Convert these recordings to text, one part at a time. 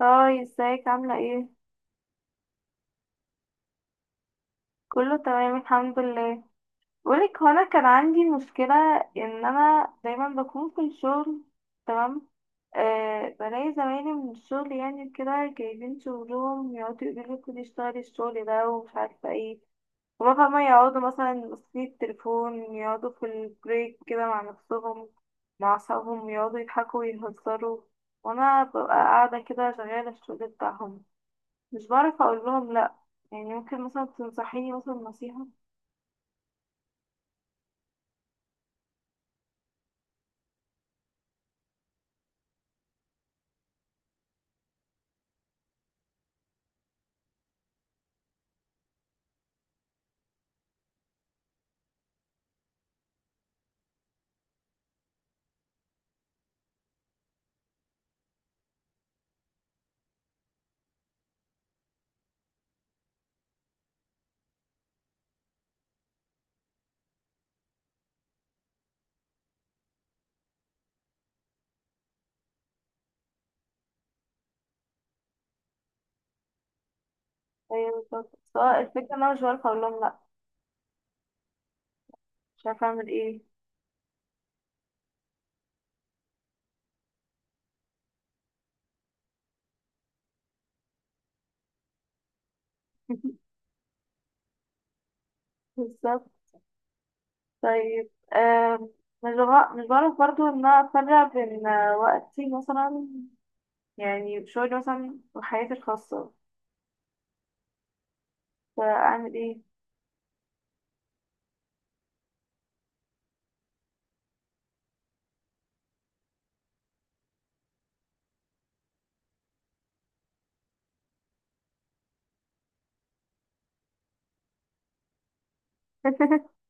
هاي، ازيك؟ عاملة ايه؟ كله تمام الحمد لله. بقولك، هو انا كان عندي مشكلة ان انا دايما بكون في الشغل. تمام. أه، بلاقي زمايلي من الشغل يعني كده جايبين شغلهم يقعدوا يقولوا لي خدي اشتغلي الشغل ده ومش عارفة ايه. هما فاهمة يقعدوا مثلا ماسكين التليفون، يقعدوا في البريك كده مع نفسهم، مع صحابهم يقعدوا يضحكوا ويهزروا، وانا ببقى قاعدة كده شغالة الشغل بتاعهم. مش بعرف اقول لهم لا. يعني ممكن مثلا تنصحيني مثلا نصيحة؟ ايوه بالظبط، بس هو الفكرة ان انا مش بعرف اقول لهم لا. مش عارفة اعمل ايه. بالظبط. طيب، مش بعرف برضو ان انا افرق بين وقتي مثلا، يعني شغلي مثلا، وحياتي الخاصة. فاعمل ايه؟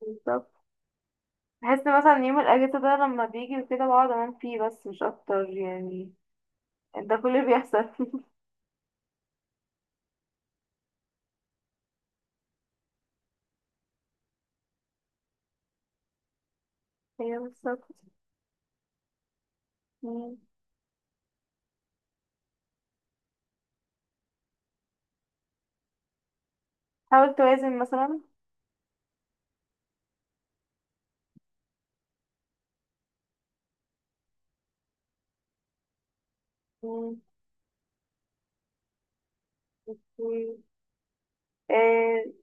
بالظبط. بحس مثلا يوم الاجازة ده لما بيجي وكده بقعد انام فيه، بس مش اكتر يعني. ده كل اللي بيحصل. ايوه بالظبط. مم. حاول توازن مثلا. مم. آه،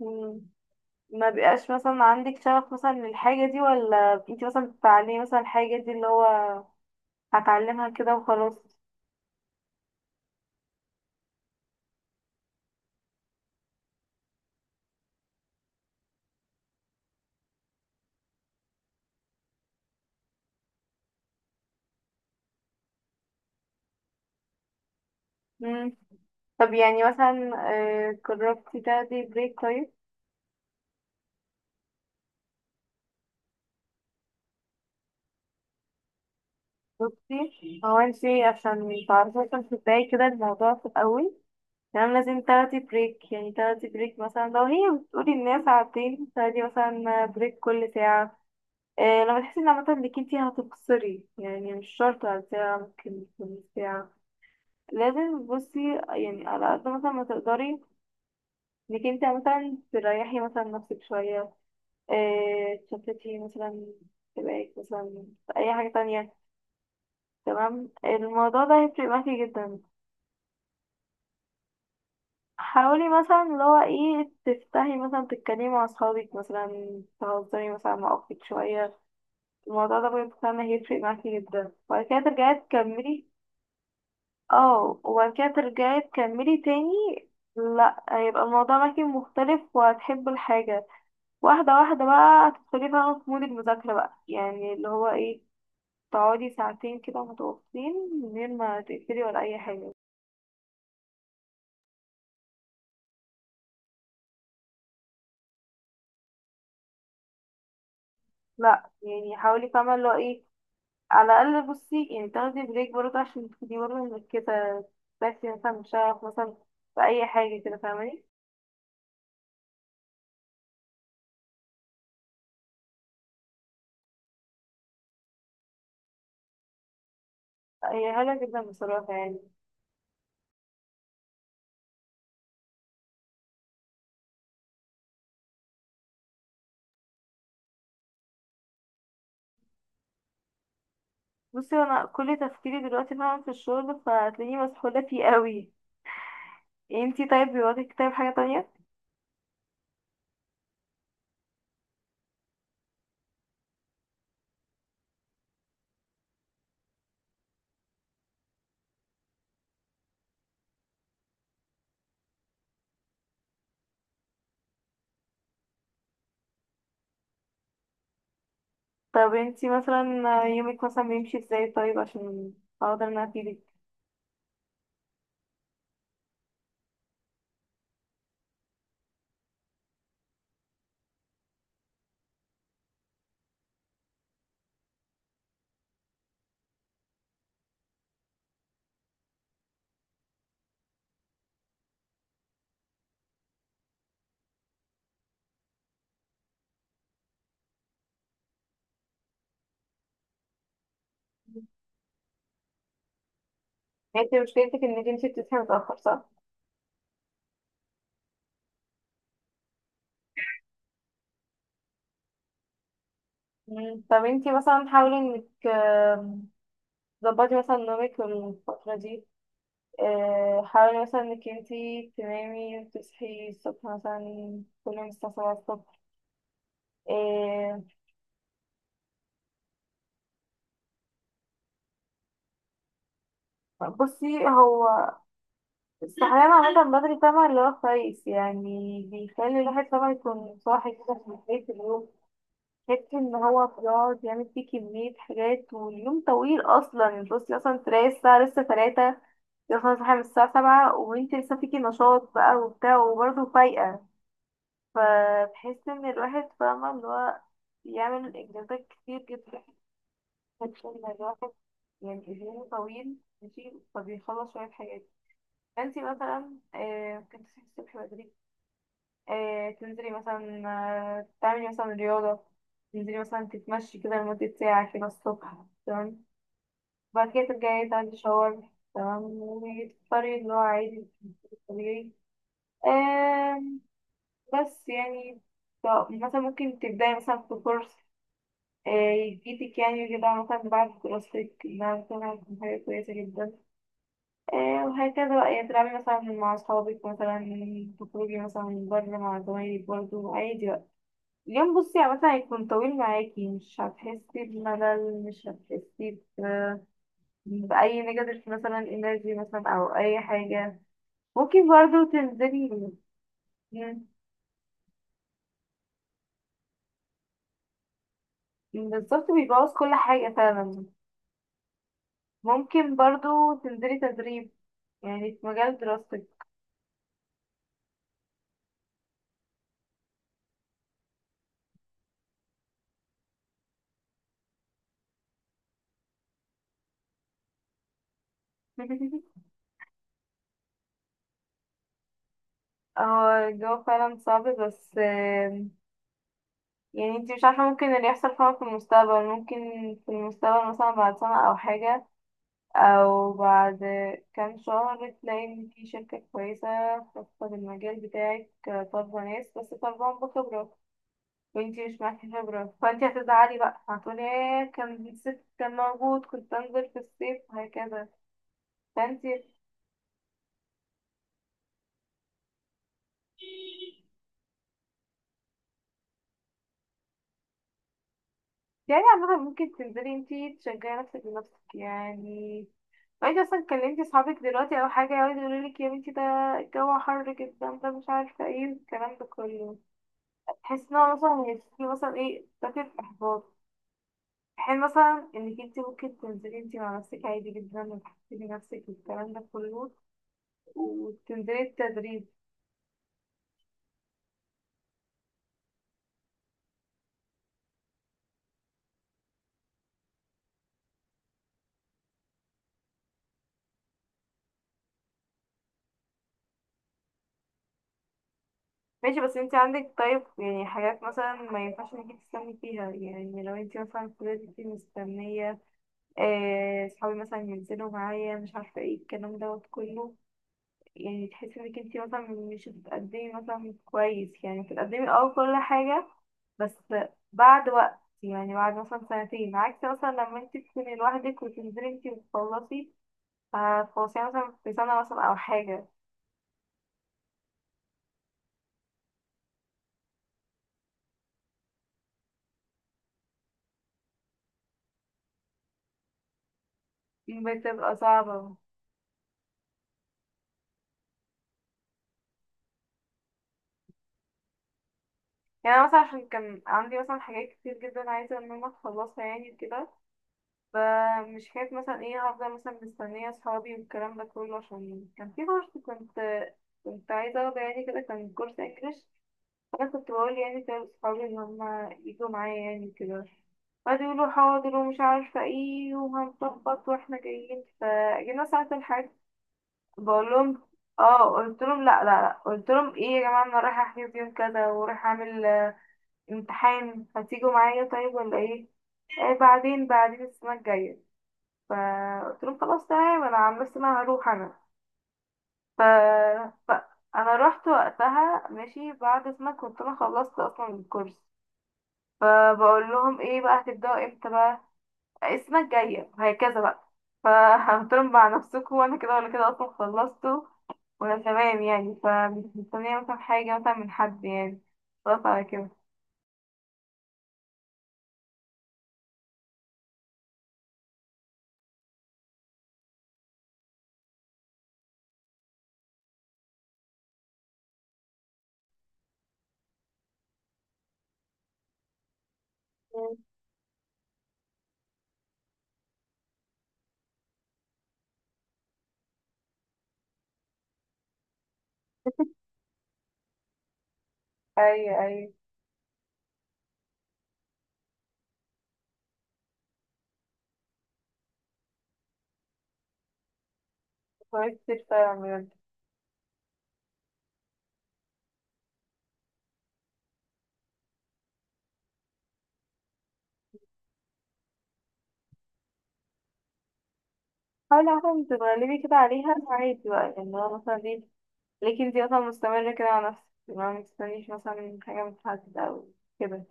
مم. ما بيبقاش مثلا عندك شغف مثلا للحاجة دي، ولا انتي مثلا بتتعلمي مثلا الحاجة دي اللي هو هتعلمها كده وخلاص؟ مم. طب يعني مثلا، جربتي تاخدي بريك طيب؟ بصي، هو انتي عشان تعرفي مثلا تبداي كده الموضوع في الأول، تمام، لازم تاخدي بريك. يعني تاخدي بريك مثلا لو هي بتقولي الناس ساعتين، تاخدي مثلا بريك كل ساعة. لما تحسي ان عامة انك انتي هتقصري يعني، مش شرط على ساعة، ممكن تكون ساعة. لازم بصي يعني على قد مثلا ما تقدري انك انت مثلا تريحي مثلا نفسك شوية، اه تشتتي مثلا، تبقى مثلا في اي حاجة تانية. تمام. الموضوع ده هيفرق معاكي جدا. حاولي مثلا اللي هو ايه، تفتحي مثلا تتكلمي مع اصحابك، مثلا تهزري مثلا مع اختك شوية. الموضوع ده بجد فعلا هيفرق معاكي جدا، وبعد كده ترجعي تكملي. اه، وبعد كده ترجعي تكملي تاني. لا، هيبقى الموضوع معاكي مختلف وهتحبي الحاجة. واحدة واحدة بقى هتدخلي بقى في مود المذاكرة بقى، يعني اللي هو ايه، تقعدي ساعتين كده متواصلين من غير ما تقفلي ولا أي حاجة. لا يعني حاولي، فاهمة اللي هو ايه. على الأقل بصي يعني تاخدي بريك برضه عشان تبقي برضه مركزة. تاخدي مثلا شغف مثلا في أي حاجة كده، فاهماني؟ هي حلوة جدا بصراحة يعني. بصي، أنا كل تفكيري دلوقتي فعلا في الشغل، فهتلاقيني مسحولة فيه قوي. انتي طيب بيواجهك طيب حاجة تانية؟ طب انتي مثلا يومك مثلا بيمشي ازاي طيب، عشان اقدر ان انا افيدك. انتي مشكلتك انك انتي بتصحي متأخر، صح؟ مم. طب انتي مثلا حاولي انك تظبطي مثلا نومك الفترة دي. حاولي مثلا انك انتي تنامي وتصحي الصبح مثلا كل يوم الساعة 7 الصبح. آه، بصي هو، الصحيان عامة بدري طبعا اللي هو كويس، يعني بيخلي الواحد طبعا يكون صاحي كده في بداية اليوم. فكرة ان هو بيقعد يعمل فيه كمية حاجات واليوم طويل اصلا. انت بصي اصلا تلاقي الساعة لسه تلاتة، يخلص صاحي من الساعة سبعة وانت لسه فيكي نشاط بقى وبتاع وبرضه فايقة. فبحس ان الواحد، فاهمة اللي هو، بيعمل انجازات كتير جدا. بحس ان الواحد يعني اليوم طويل، ماشي، فبيخلص شوية حاجات. انتي مثلا ممكن تصحي الصبح بدري، تنزلي مثلا، تعملي مثلا رياضة، تنزلي مثلا تتمشي كده لمدة ساعة كده الصبح، تمام، بعد كده ترجعي تاخدي شاور، تمام، وتفطري اللي هو عادي الطبيعي. آم، بس يعني طب مثلا ممكن تبدأي مثلا في كورس آه، يفيدك، يعني كده مثلا بعد دراستك إنها مثلا هتكون حاجة كويسة جدا. وهكذا بقى، يعني تلعبي مثلا مع أصحابك، مثلا تخرجي مثلا بره مع زمايلك برضه عادي بقى. اليوم بصي عامة هيكون طويل معاكي، مش هتحسي بملل، مش هتحسي ب- بأي نيجاتيف مثلا انرجي مثلا أو أي حاجة. ممكن برضو تنزلي. مم. بالظبط، بيبوظ كل حاجة فعلا. ممكن برضو تنزلي تدريب يعني في مجال دراستك. اه الجو فعلا صعب، بس يعني انتي مش عارفة ممكن اللي يحصل فعلا في المستقبل. ممكن في المستقبل مثلا بعد سنة أو حاجة، او بعد كام شهر، تلاقي ان في شركة كويسة خاصة بالمجال بتاعك، طالبة ناس بس طالبهم بخبرة، وانتي مش معاكي خبرة، فانتي هتزعلي بقى، هتقولي ايه كان الصيف كان موجود كنت انزل في الصيف وهكذا. فانتي يعني عامة ممكن تنزلي انتي تشجعي نفسك بنفسك يعني. وانتي اصلا كلمتي صحابك دلوقتي او حاجة يقعدوا يقولولك يا بنتي ده الجو حر جدا ده مش عارفة ايه الكلام ده كله، تحس ان هو مثلا هيديكي مثلا ايه، دافع احباط، حين مثلا انك انت ممكن تنزلي انت مع نفسك عادي جدا وتحسني نفسك والكلام ده كله، وتنزلي التدريب. ماشي، بس انت عندك طيب يعني حاجات مثلا ما ينفعش انك انت تستني فيها. يعني لو انت مثلا فضلتي انت مستنية صحابي مثلا ينزلوا معايا مش عارفة ايه الكلام دوت كله، يعني تحسي انك انتي مثلا مش بتقدمي مثلا كويس، يعني بتقدمي اه كل حاجة بس بعد وقت، يعني بعد مثلا سنتين، عكس مثلا لما انتي تكوني لوحدك وتنزلي انتي وتخلصي، تخلصيها مثلا في سنة مثلا أو حاجة. بتبقى صعبة. يعني أنا مثلا عشان كان عندي مثلا حاجات كتير جدا عايزة إن أنا أخلصها يعني كده، فمش حكاية مثلا ايه هفضل مثلا مستنية صحابي والكلام ده كله. عشان كان في كورس كنت كنت عايزة اخده، يعني كده كان كورس انجلش. انا كنت بقول يعني كده لاصحابي ان هما يجوا معايا يعني كده، قعدوا يقولوا حاضر ومش عارفه ايه وهنظبط واحنا جايين، فجينا ساعه الحج بقول لهم، اه قلت لهم لا لا لا، قلت لهم ايه يا جماعه انا رايحه احجز يوم كذا ورايحه اعمل امتحان، هتيجوا معايا طيب ولا ايه؟ ايه بعدين، بعدين السنه الجايه. فقلت لهم خلاص تمام، انا عن نفسي انا هروح انا. ف... ف... انا رحت وقتها، ماشي، بعد سنه كنت انا خلصت اصلا الكورس. فبقول لهم ايه بقى هتبداوا امتى بقى؟ السنه الجايه وهكذا بقى. فقلت لهم مع نفسكم، وانا كده ولا كده اصلا خلصته وانا تمام يعني، فمش مستنيه مثلا حاجه مثلا من حد يعني. خلاص على كده. مم. ايوه ايوه. كويس كتير فعلا بجد. حاولي عشان تتغلبي كده عليها عادي بقى، يعني هو مثلا دي، لكن انتي مثلا مستمرة كده على نفسك، ما مستنيش مثلا حاجة من حد أو كده.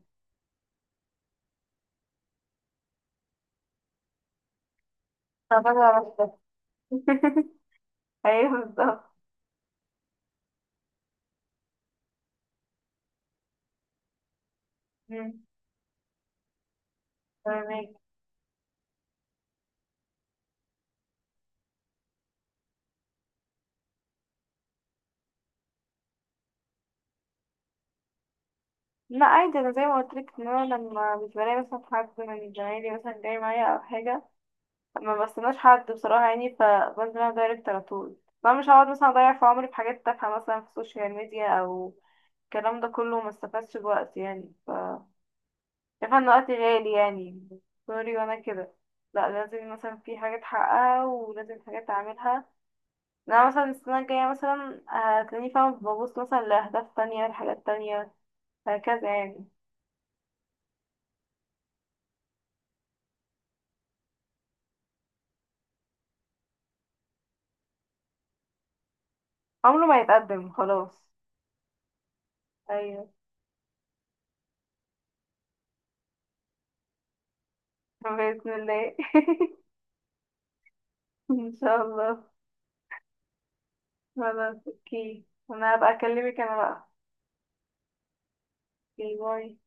أنا فاكرة على نفسك. أيوه بالظبط. مم. فاهمك. لا عادي، انا زي ما قلت لك، ان انا لما مش بلاقي مثلا حد من زمايلي مثلا جاي معايا او حاجه، ما بستناش حد بصراحه يعني، فبنزل انا دايركت على طول. فانا مش هقعد مثلا اضيع في عمري في حاجات تافهه مثلا في السوشيال ميديا او الكلام ده كله، ما استفادش بوقت يعني. شايفه ان وقتي غالي يعني، سوري وانا كده. لا، لازم مثلا في حاجات حقها ولازم حاجات اعملها. انا مثلا السنه الجايه مثلا هتلاقيني، فاهمه، ببص مثلا لاهداف تانية لحاجات تانية، هكذا يعني. عمره ما يتقدم خلاص. ايوه. بإذن الله. ان شاء الله. خلاص اوكي، انا هبقى اكلمك انا بقى. اوكي باي.